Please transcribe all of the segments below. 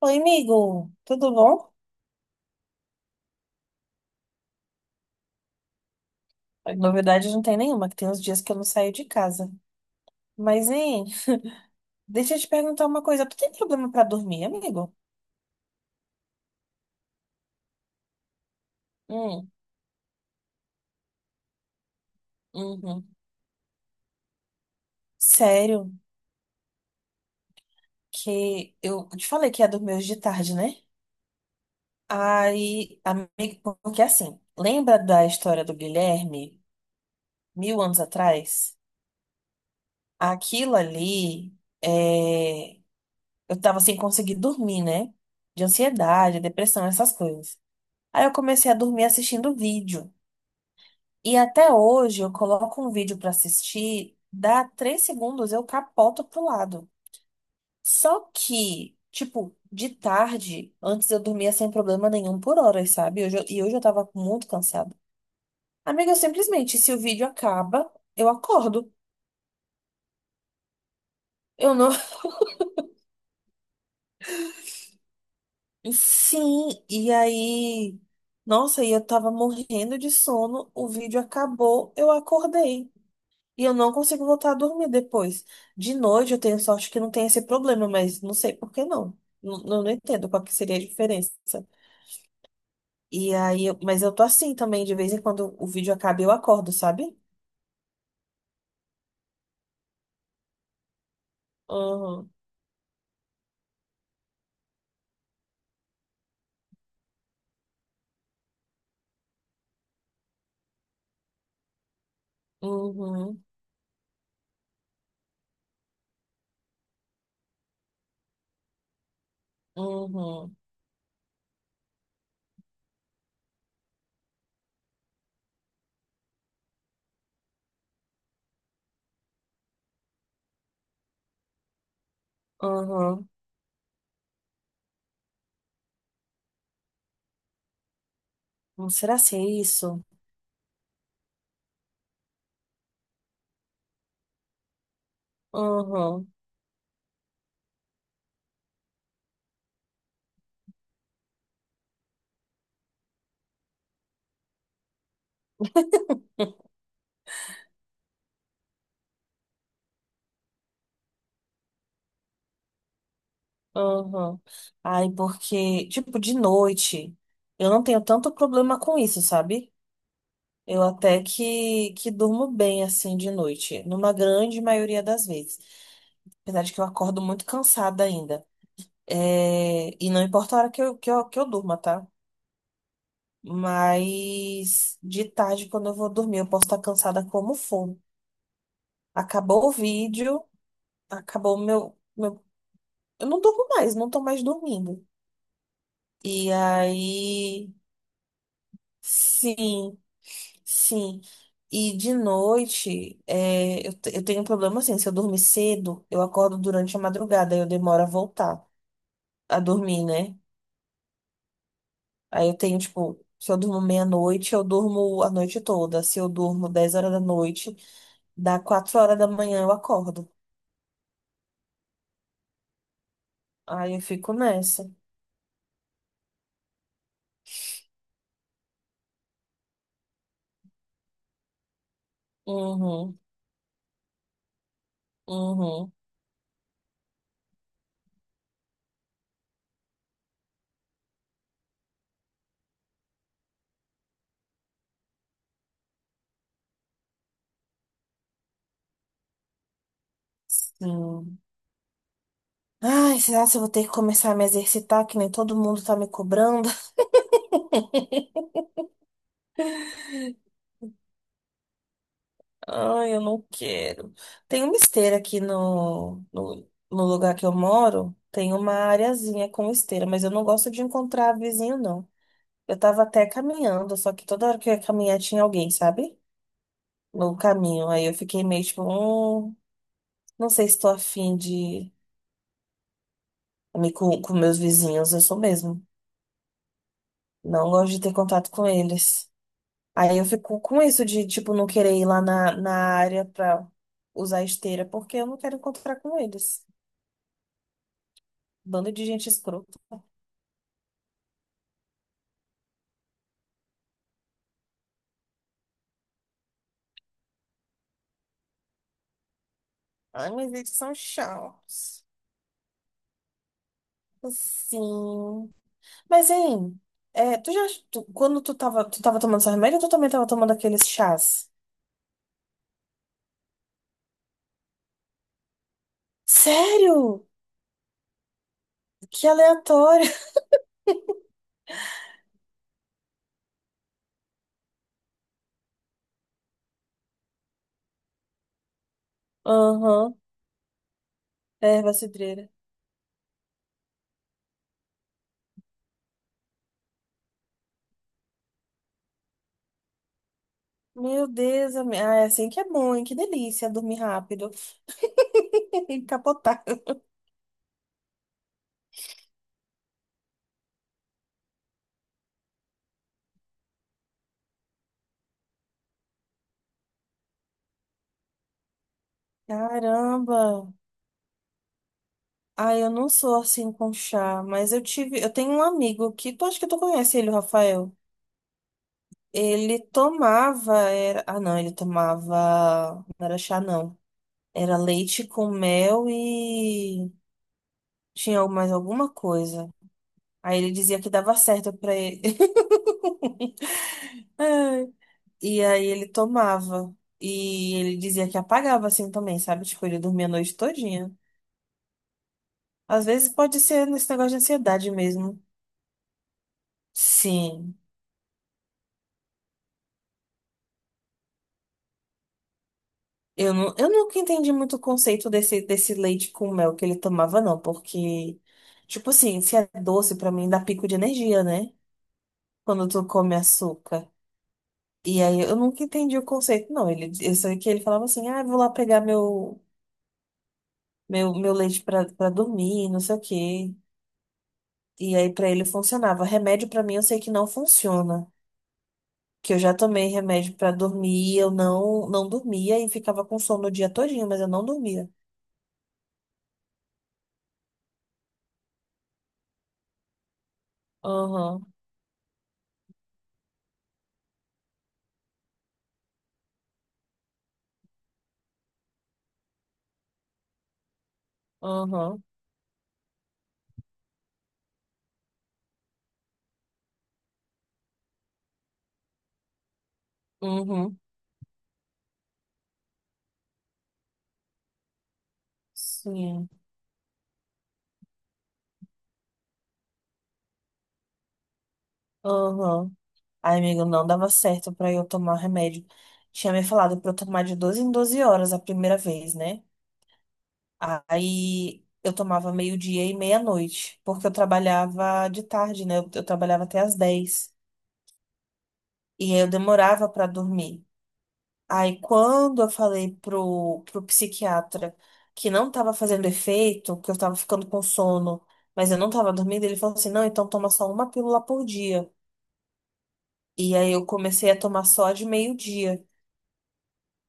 Oi, amigo, tudo bom? Novidade não tem nenhuma, que tem uns dias que eu não saio de casa. Mas, hein, deixa eu te perguntar uma coisa. Tu tem problema pra dormir, amigo? Hum, uhum. Sério, que eu te falei que ia dormir hoje de tarde, né? Aí, amigo, porque assim, lembra da história do Guilherme, mil anos atrás? Aquilo ali, é... eu tava sem conseguir dormir, né? De ansiedade, depressão, essas coisas. Aí eu comecei a dormir assistindo vídeo. E até hoje eu coloco um vídeo pra assistir, dá 3 segundos, eu capoto pro lado. Só que, tipo, de tarde, antes eu dormia sem problema nenhum por horas, sabe? E hoje eu tava muito cansada. Amiga, eu simplesmente, se o vídeo acaba, eu acordo. Eu não. Sim, e aí. Nossa, e eu tava morrendo de sono, o vídeo acabou, eu acordei. E eu não consigo voltar a dormir depois. De noite eu tenho sorte que não tem esse problema, mas não sei por que não. Não, não entendo qual que seria a diferença. E aí, mas eu tô assim também, de vez em quando o vídeo acaba, e eu acordo, sabe? Uhum, uhum, uhum, uhum. Não será ser isso? Uhum, uhum. Ai, porque, tipo, de noite, eu não tenho tanto problema com isso, sabe? Eu até que durmo bem assim de noite, numa grande maioria das vezes. Apesar de que eu acordo muito cansada ainda. É, e não importa a hora que eu durma, tá? Mas de tarde, quando eu vou dormir, eu posso estar cansada como for. Acabou o vídeo, acabou o meu. Eu não durmo mais, não tô mais dormindo. E aí. Sim, sim. E de noite, é, eu tenho um problema assim: se eu dormir cedo, eu acordo durante a madrugada, eu demoro a voltar a dormir, né? Aí eu tenho, tipo, se eu durmo meia-noite, eu durmo a noite toda. Se eu durmo 10 horas da noite, dá 4 horas da manhã eu acordo. Aí eu fico nessa. Uhum, uhum, sim. Ai, será que eu vou ter que começar a me exercitar, que nem todo mundo tá me cobrando? Ai, eu não quero. Tem uma esteira aqui no lugar que eu moro. Tem uma areazinha com esteira, mas eu não gosto de encontrar vizinho, não. Eu tava até caminhando, só que toda hora que eu ia caminhar tinha alguém, sabe? No caminho. Aí eu fiquei meio tipo, não sei se estou afim de me com meus vizinhos, eu sou mesmo. Não gosto de ter contato com eles. Aí eu fico com isso de, tipo, não querer ir lá na, na área pra usar esteira, porque eu não quero encontrar com eles. Bando de gente escrota. Ai, mas eles são chatos. Sim. Mas, hein, é, tu já, tu- quando tu tava tomando seu remédio, ou tu também tava tomando aqueles chás? Sério? Que aleatório. Aham. Erva cidreira. Meu Deus, ami- ah, é assim que é bom, hein? Que delícia dormir rápido. E capotar. Caramba. Ah, eu não sou assim com chá, mas eu tive, eu tenho um amigo que tu acho que tu conhece ele, o Rafael. Ele tomava, ah não, ele tomava, não era chá não. Era leite com mel e tinha mais alguma coisa. Aí ele dizia que dava certo pra ele. Ai, e aí ele tomava. E ele dizia que apagava assim também, sabe? Tipo, ele dormia a noite todinha. Às vezes pode ser nesse negócio de ansiedade mesmo. Sim. Eu, não, eu nunca entendi muito o conceito desse leite com mel que ele tomava, não, porque, tipo assim, se é doce, pra mim dá pico de energia, né? Quando tu come açúcar. E aí eu nunca entendi o conceito, não. Ele, eu sei que ele falava assim, ah, eu vou lá pegar meu leite pra, pra dormir, não sei o quê. E aí pra ele funcionava. Remédio pra mim eu sei que não funciona, que eu já tomei remédio pra dormir, eu não dormia e ficava com sono o dia todinho, mas eu não dormia. Aham, aham, uhum, sim, aham. Ai amigo, não dava certo pra eu tomar remédio. Tinha me falado pra eu tomar de 12 em 12 horas a primeira vez, né? Aí eu tomava meio-dia e meia-noite, porque eu trabalhava de tarde, né? Eu trabalhava até às 10. E aí eu demorava pra dormir. Aí, quando eu falei pro psiquiatra que não tava fazendo efeito, que eu tava ficando com sono, mas eu não tava dormindo, ele falou assim: não, então toma só uma pílula por dia. E aí eu comecei a tomar só a de meio-dia.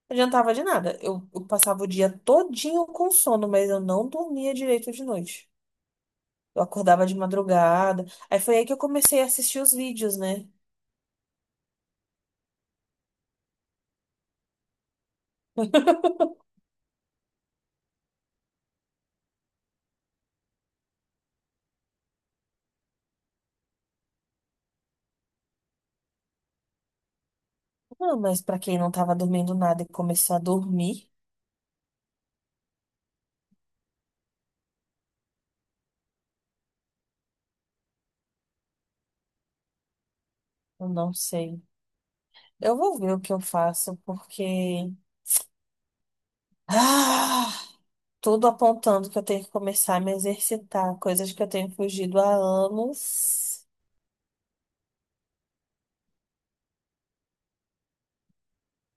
Não adiantava de nada. Eu passava o dia todinho com sono, mas eu não dormia direito de noite. Eu acordava de madrugada. Aí foi aí que eu comecei a assistir os vídeos, né? Não, mas pra quem não tava dormindo nada e começou a dormir, eu não sei. Eu vou ver o que eu faço, porque ah, tudo apontando que eu tenho que começar a me exercitar, coisas que eu tenho fugido há anos.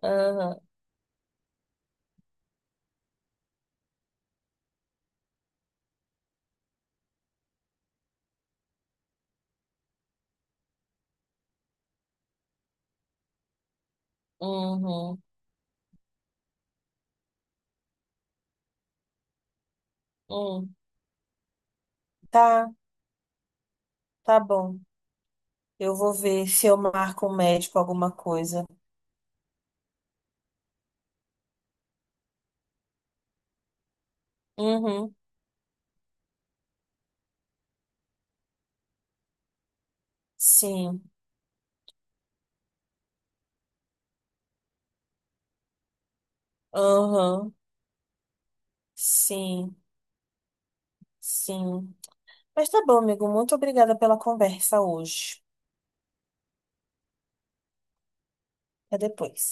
Aham, uhum, hum. Tá, tá bom. Eu vou ver se eu marco um médico alguma coisa. Uhum, sim, aham, sim, sim. Mas tá bom, amigo. Muito obrigada pela conversa hoje. Até depois.